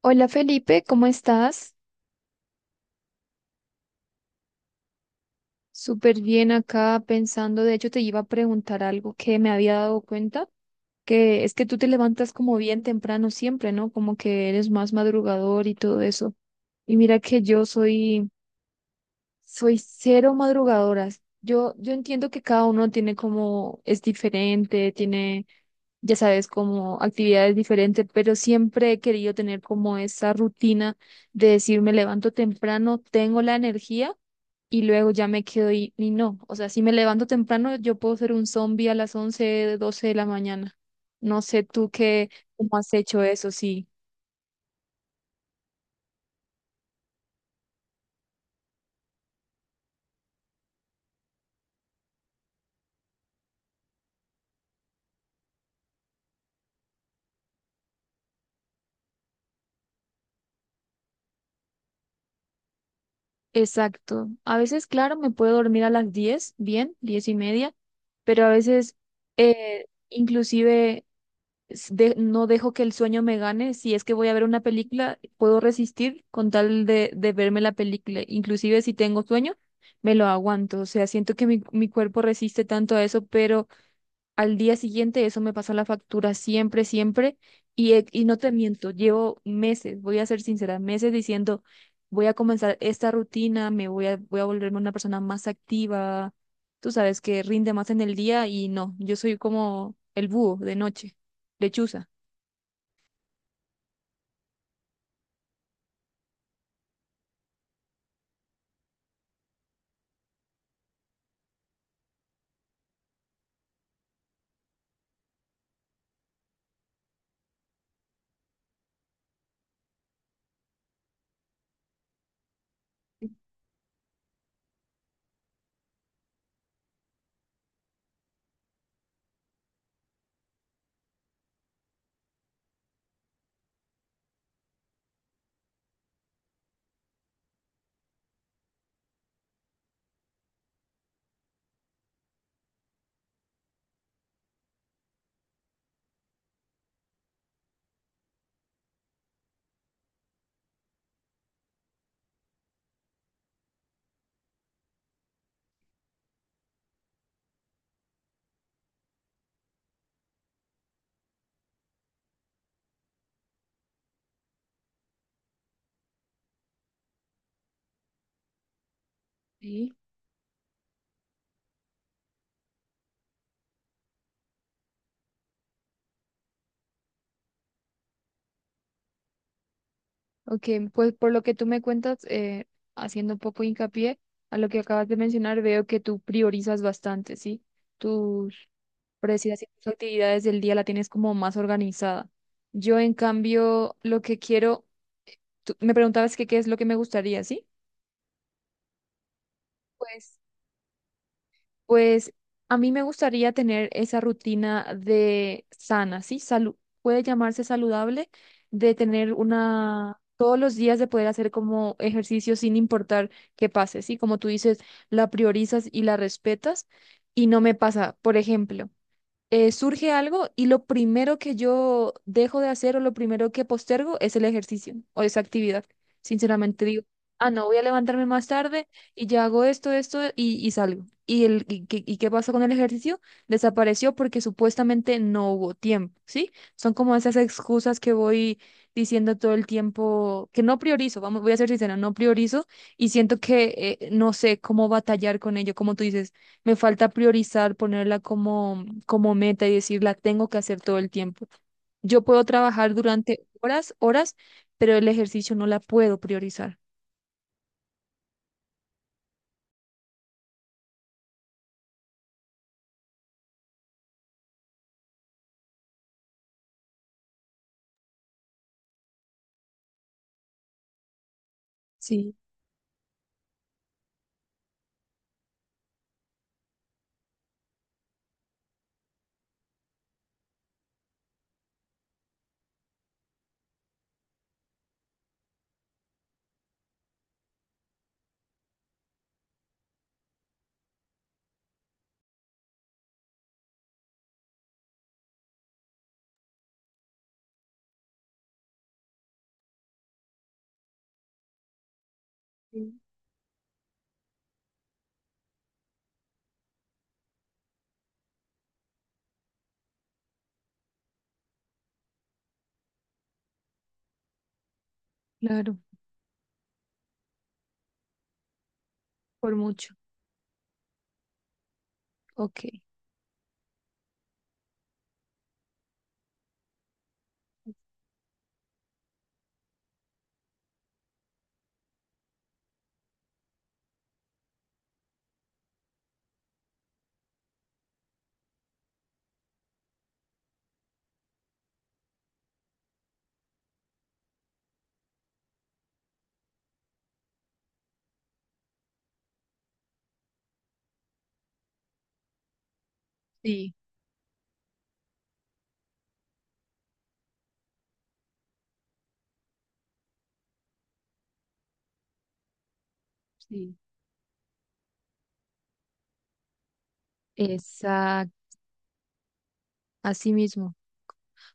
Hola Felipe, ¿cómo estás? Súper bien acá pensando, de hecho te iba a preguntar algo que me había dado cuenta, que es que tú te levantas como bien temprano siempre, ¿no? Como que eres más madrugador y todo eso. Y mira que yo soy cero madrugadoras. Yo entiendo que cada uno tiene como, es diferente, tiene, ya sabes, como actividades diferentes, pero siempre he querido tener como esa rutina de decir, me levanto temprano, tengo la energía y luego ya me quedo y no. O sea, si me levanto temprano, yo puedo ser un zombie a las 11 12 de la mañana. No sé tú qué, cómo has hecho eso, sí. Exacto. A veces, claro, me puedo dormir a las 10, bien, 10:30, pero a veces inclusive no dejo que el sueño me gane. Si es que voy a ver una película, puedo resistir con tal de verme la película. Inclusive si tengo sueño, me lo aguanto. O sea, siento que mi cuerpo resiste tanto a eso, pero al día siguiente eso me pasa la factura siempre, siempre. Y no te miento, llevo meses, voy a ser sincera, meses diciendo, voy a comenzar esta rutina, me voy a volverme una persona más activa, tú sabes, que rinde más en el día y no, yo soy como el búho de noche, lechuza. Sí, ok, pues por lo que tú me cuentas, haciendo un poco hincapié a lo que acabas de mencionar, veo que tú priorizas bastante, ¿sí? tus Por decir así, tus actividades del día la tienes como más organizada. Yo, en cambio, lo que quiero, tú me preguntabas que qué es lo que me gustaría, ¿sí? Pues, pues a mí me gustaría tener esa rutina de sana, ¿sí? Salud, puede llamarse saludable, de tener una, todos los días de poder hacer como ejercicio sin importar qué pase, ¿sí? Como tú dices, la priorizas y la respetas y no me pasa, por ejemplo. Surge algo y lo primero que yo dejo de hacer o lo primero que postergo es el ejercicio o esa actividad. Sinceramente digo, ah, no, voy a levantarme más tarde y ya hago esto, esto y salgo. ¿Y qué pasa con el ejercicio? Desapareció porque supuestamente no hubo tiempo, ¿sí? Son como esas excusas que voy diciendo todo el tiempo, que no priorizo, vamos, voy a ser sincera, no priorizo y siento que no sé cómo batallar con ello, como tú dices me falta priorizar, ponerla como meta y decir, la tengo que hacer todo el tiempo. Yo puedo trabajar durante horas, horas, pero el ejercicio no la puedo priorizar. Sí, sí, claro, por mucho. Ok, sí, sí, exacto, así mismo.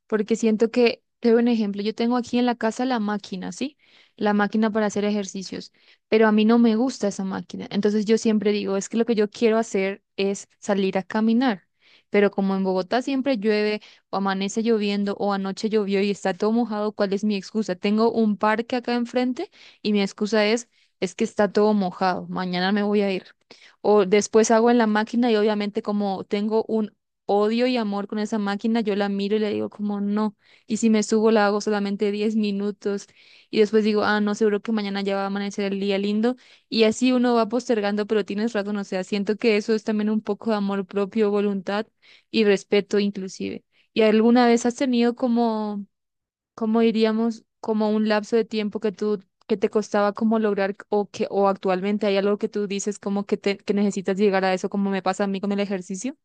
Porque siento que, te doy un ejemplo, yo tengo aquí en la casa la máquina, ¿sí? La máquina para hacer ejercicios, pero a mí no me gusta esa máquina. Entonces yo siempre digo, es que lo que yo quiero hacer es salir a caminar. Pero como en Bogotá siempre llueve o amanece lloviendo o anoche llovió y está todo mojado, ¿cuál es mi excusa? Tengo un parque acá enfrente y mi excusa es que está todo mojado, mañana me voy a ir. O después hago en la máquina y obviamente como tengo un odio y amor con esa máquina, yo la miro y le digo como no, y si me subo la hago solamente 10 minutos y después digo, ah, no, seguro que mañana ya va a amanecer el día lindo y así uno va postergando, pero tienes razón, o sea, siento que eso es también un poco de amor propio, voluntad y respeto inclusive. ¿Y alguna vez has tenido como, como diríamos, como un lapso de tiempo que tú que te costaba como lograr o que o actualmente hay algo que tú dices como que te que necesitas llegar a eso como me pasa a mí con el ejercicio?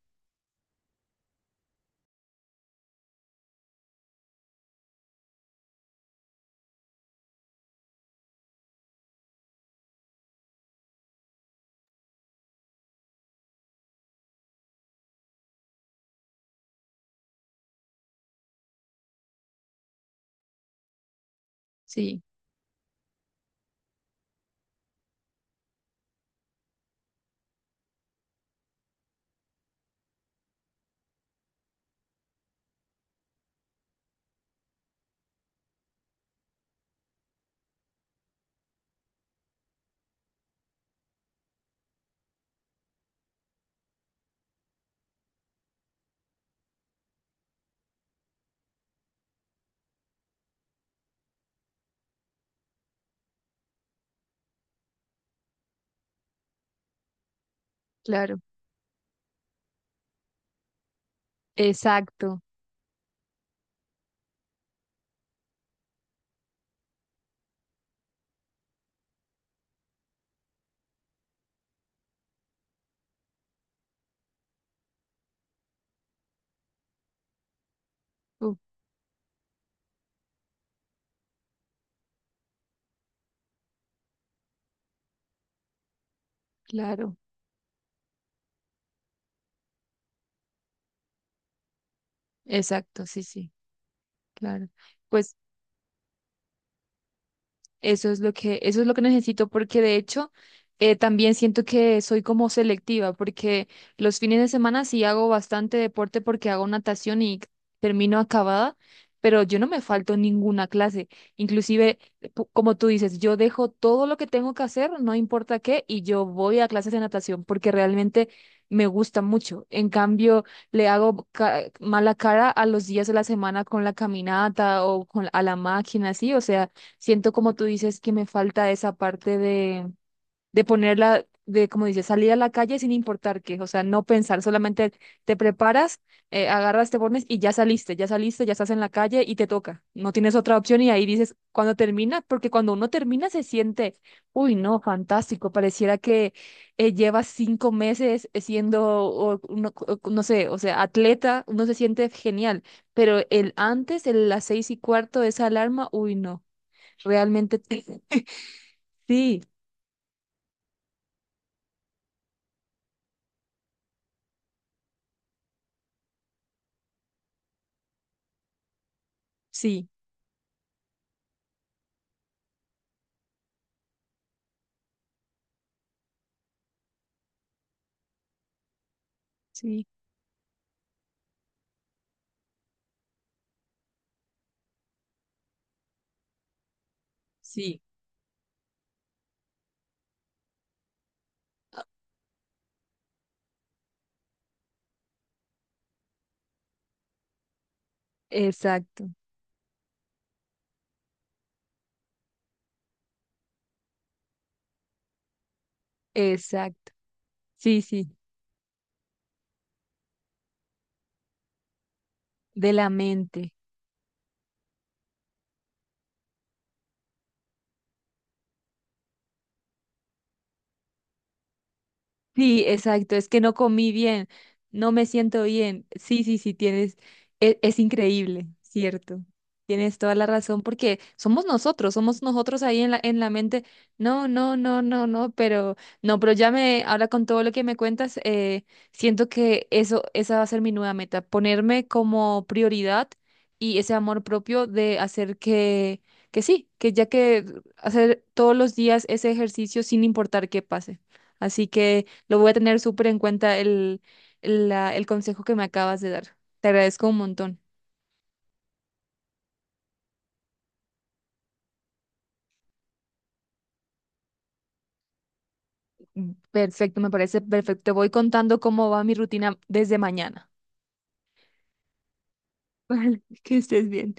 Sí, claro. Exacto, uf, claro, exacto, sí, sí, claro. Pues eso es lo que, eso es lo que necesito, porque de hecho también siento que soy como selectiva, porque los fines de semana sí hago bastante deporte porque hago natación y termino acabada, pero yo no me falto ninguna clase. Inclusive, como tú dices, yo dejo todo lo que tengo que hacer, no importa qué, y yo voy a clases de natación porque realmente me gusta mucho. En cambio, le hago mala cara a los días de la semana con la caminata o con, a la máquina, así, o sea. Siento como tú dices que me falta esa parte de ponerla, de como dices, salir a la calle sin importar qué, o sea, no pensar, solamente te preparas, agarras, te pones y ya saliste, ya saliste, ya estás en la calle y te toca, no tienes otra opción y ahí dices, cuando termina, porque cuando uno termina se siente, uy, no, fantástico, pareciera que llevas 5 meses siendo, no sé, o sea, atleta, uno se siente genial, pero el antes, el, las 6:15, esa alarma, uy, no. Realmente sí, sí, sí, sí, exacto, exacto. Sí, sí, de la mente. Sí, exacto, es que no comí bien, no me siento bien. Sí, sí, sí, tienes, es, increíble, cierto. Tienes toda la razón porque somos nosotros ahí en la, mente. No, no, no, no, no, pero no, pero ya me, ahora con todo lo que me cuentas, siento que eso, esa va a ser mi nueva meta, ponerme como prioridad y ese amor propio de hacer que sí, que ya que hacer todos los días ese ejercicio sin importar qué pase. Así que lo voy a tener súper en cuenta el consejo que me acabas de dar. Te agradezco un montón. Perfecto, me parece perfecto. Te voy contando cómo va mi rutina desde mañana. Vale, que estés bien.